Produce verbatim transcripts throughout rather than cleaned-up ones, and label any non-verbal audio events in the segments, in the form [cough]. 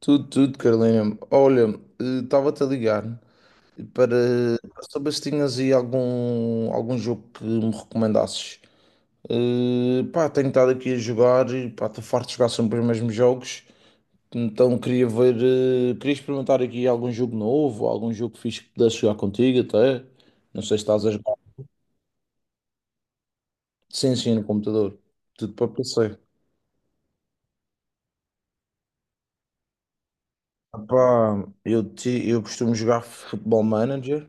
Tudo, tudo, Carolina. Olha, eh, estava-te a ligar para saber se tinhas aí algum, algum jogo que me recomendasses. Eh, pá, tenho estado aqui a jogar e pá, estou farto de jogar sempre os mesmos jogos. Então queria ver, eh, queria experimentar aqui algum jogo novo, algum jogo fixe que pudesse jogar contigo até. Não sei se estás a jogar. Sim, sim, no computador. Tudo para P C. Ah, pá, eu, ti- eu costumo jogar Football Manager.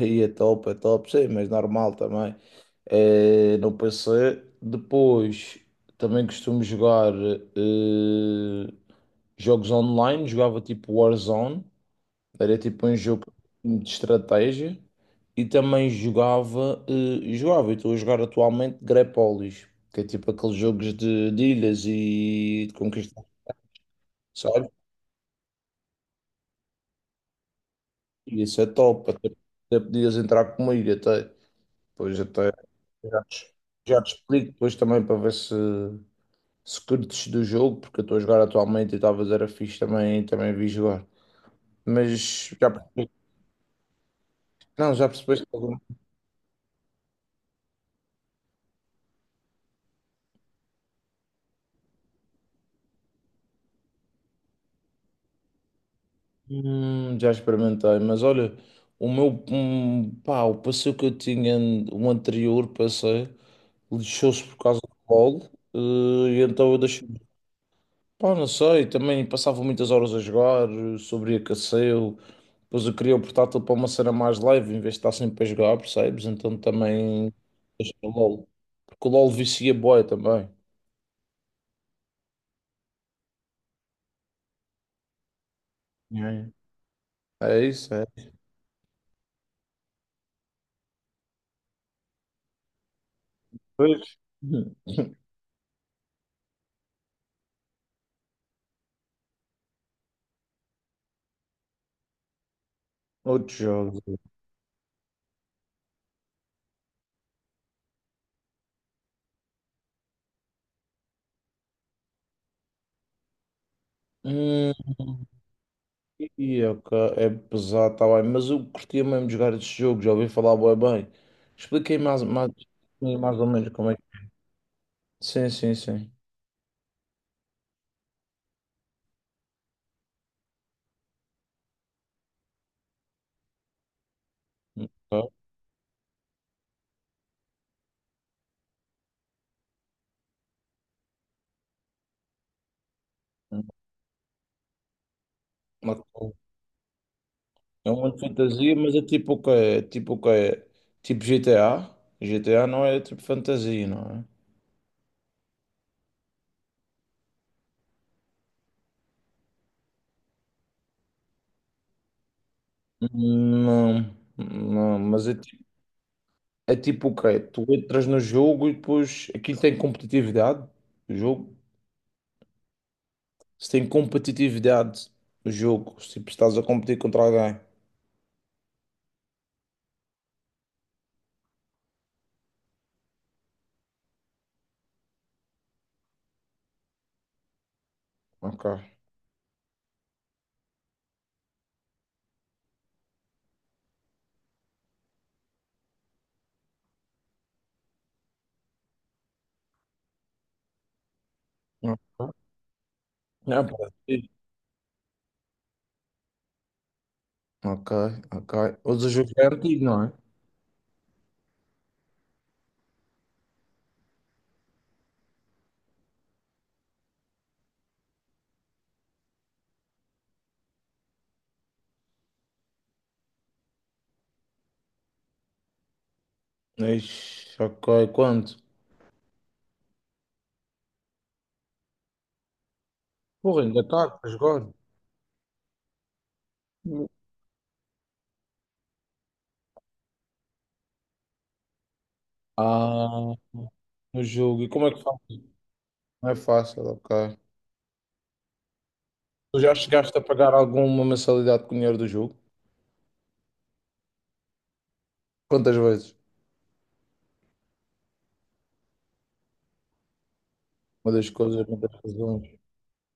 E é top, é top, sim, mas normal também. É, no P C. Depois também costumo jogar eh, jogos online. Jogava tipo Warzone, era tipo um jogo de estratégia. E também jogava, eh, jogava, e estou a jogar atualmente Grepolis, que é tipo aqueles jogos de, de ilhas e de conquista, sabe? E isso é top, até, até podias entrar comigo até. Pois até. Já te, já te explico depois também para ver se, se curtes do jogo, porque eu estou a jogar atualmente e talvez era fixe também, também vi jogar. Mas já percebi- não, já percebeste algum? Hum, já experimentei, mas olha, o meu hum, pá, o passeio que eu tinha, o anterior passeio, lixou-se por causa do gol, eh, e então eu deixei. Pá, não sei, também passava muitas horas a jogar, sobreaqueceu, depois eu queria o portátil para uma cena mais leve, em vez de estar sempre a jogar, percebes? Então também deixei o LOL, porque o LOL vicia bué também. É. É isso, é. Pois. [laughs] Hum, outros jogos. Hum, e, ok, é pesado, tá bem, mas eu curtia mesmo de jogar este jogo, já ouvi falar bué bem. Expliquei mais, mais, mais ou menos como é que... Sim, sim, sim. Ok. Ok. É um mundo de fantasia, mas é tipo o que é? Tipo o que é? Tipo G T A? G T A não é tipo fantasia, não é? Não, não, mas é, ti- é tipo o quê? Tu entras no jogo e depois aquilo tem competitividade, o jogo. Se tem competitividade, o jogo, se tipo, estás a competir contra alguém. Ok. Ok. É, pá, sim. Ok, ok. Mas o é antigo, não é? Ixi, ok, quanto? Porra, ainda está a jogar. Ah. No jogo. E como é que faz? Não é fácil, ok. Tu já chegaste a pagar alguma mensalidade com o dinheiro do jogo? Quantas vezes? Uma das coisas, uma das razões.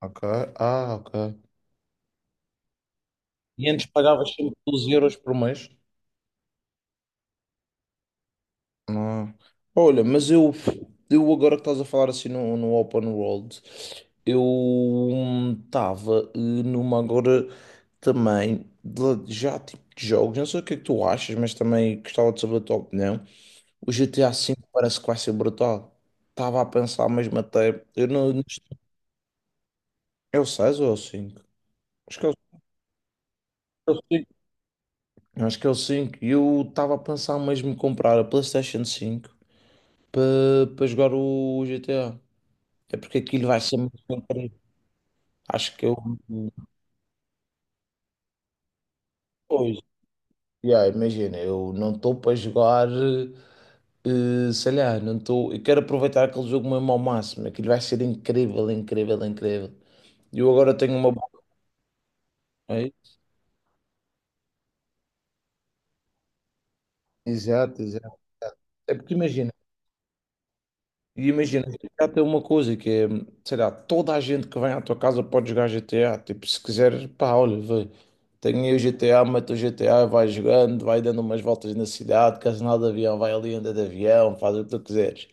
Ok. Ah, ok. E antes pagavas sempre doze euros por mês? Não. Olha, mas eu, eu agora que estás a falar assim no, no Open World, eu estava numa agora também de- já tipo de jogos. Não sei o que é que tu achas, mas também gostava de saber a tua opinião. O G T A cinco parece que vai ser brutal. Estava a pensar mesmo até. Eu não, não- é o seis ou é o cinco? Acho que é o é o cinco. Acho que é o cinco. E eu estava a pensar mesmo em comprar a PlayStation cinco para jogar o G T A. É porque aquilo vai ser muito incrível. Acho que eu. Pois, yeah, imagina, eu não estou para jogar, eh, sei lá, não estou. Eu quero aproveitar aquele jogo mesmo ao máximo. Aquilo vai ser incrível, incrível, incrível. E eu agora tenho uma. Exato, exato, exato. É porque imagina, e imagina, G T A tem uma coisa que é, sei lá, toda a gente que vem à tua casa pode jogar G T A. Tipo, se quiser, pá, olha, vê, tem aí o G T A, mete o G T A, vai jogando, vai dando umas voltas na cidade, queres andar de avião, vai ali anda de avião, faz o que tu quiseres.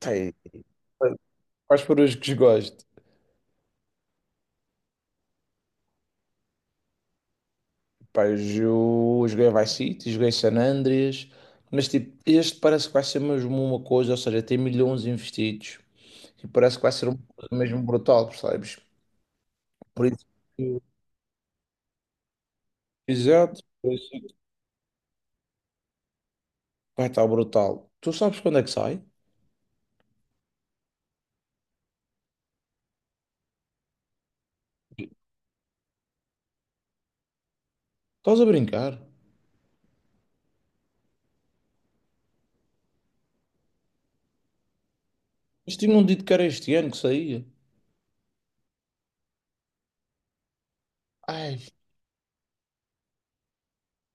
Tem, quais foram os que gosto? Pá, eu jo- joguei Vice City, joguei San Andreas, mas tipo, este parece que vai ser mesmo uma coisa, ou seja, tem milhões investidos e parece que vai ser uma coisa mesmo brutal, percebes? Por isso que- Exato, por isso que vai estar brutal. Tu sabes quando é que sai? Estás a brincar? Mas tinham dito que era este ano que saía. Ai,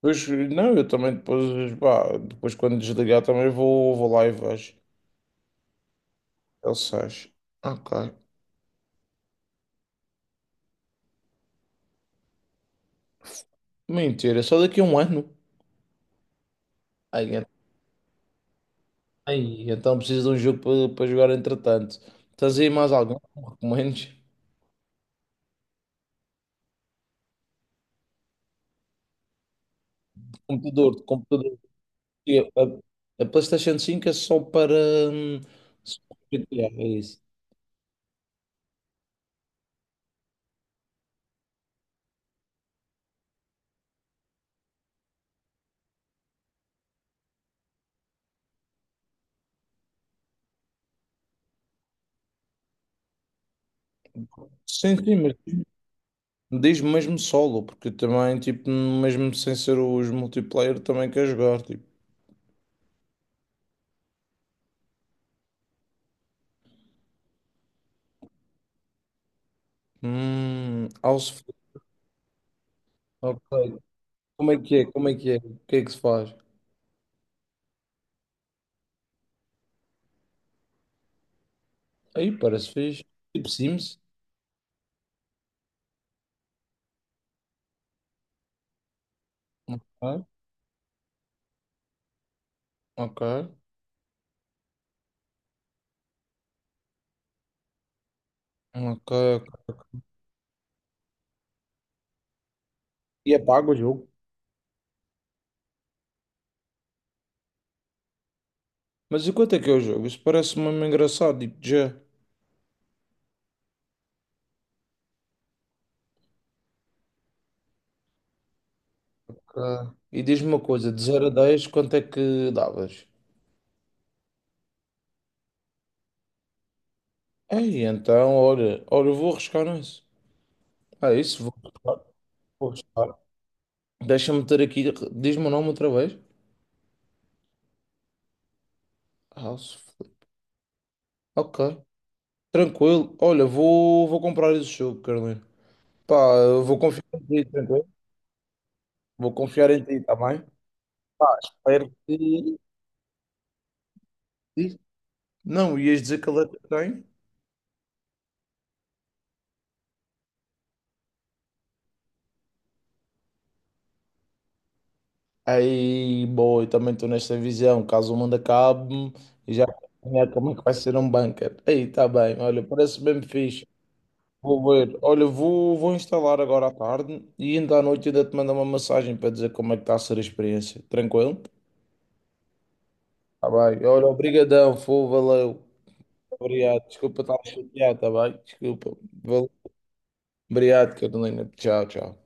pois não, eu também depois, pá, depois quando desligar também vou, vou lá e vejo. Ele sais. Ok. Mentira, só daqui a um ano. Ai, en- ai, então preciso de um jogo para para jogar entretanto. Tens aí mais algum que recomendes? Computador, de computador. E A, a PlayStation cinco é só para. hum, só para G T A, é isso. Sim, sim, mas diz mesmo solo, porque também, tipo, mesmo sem ser os multiplayer, também quer jogar, tipo, hum, House of- ok, como é que é, como é que é, o que é que se faz? Aí parece fixe, tipo Sims, ok, ok, ok, ok. E é pago o jogo. Mas enquanto é que é o jogo? Isso parece mesmo engraçado, tipo, já. Ok. E diz-me uma coisa, de zero a dez quanto é que davas? Ei, então, olha, olha, eu vou arriscar nisso. Ah, isso, vou arriscar. Vou arriscar. Deixa-me ter aqui. Diz-me o nome outra vez. House. Flip. Ok. Tranquilo. Olha, vou, vou comprar esse jogo, Carolina. Pá, eu vou confiar em ti, tranquilo. Vou confiar em ti, tá bem? Espero que. Diz. Não, ias dizer que ele é que tem. Aí, boa, eu também estou nesta visão. Caso o mundo acabe, eu já vou planear como é que vai ser um bunker. Aí, tá bem. Olha, parece bem fixe. Vou ver. Olha, vou, vou instalar agora à tarde e ainda à noite ainda te mando uma mensagem para dizer como é que está a ser a experiência. Tranquilo? Tá bem. Olha, obrigadão, foi, valeu. Obrigado. Desculpa estar chateado, tá bem? Desculpa. Valeu. Obrigado, Carolina. Tchau, tchau.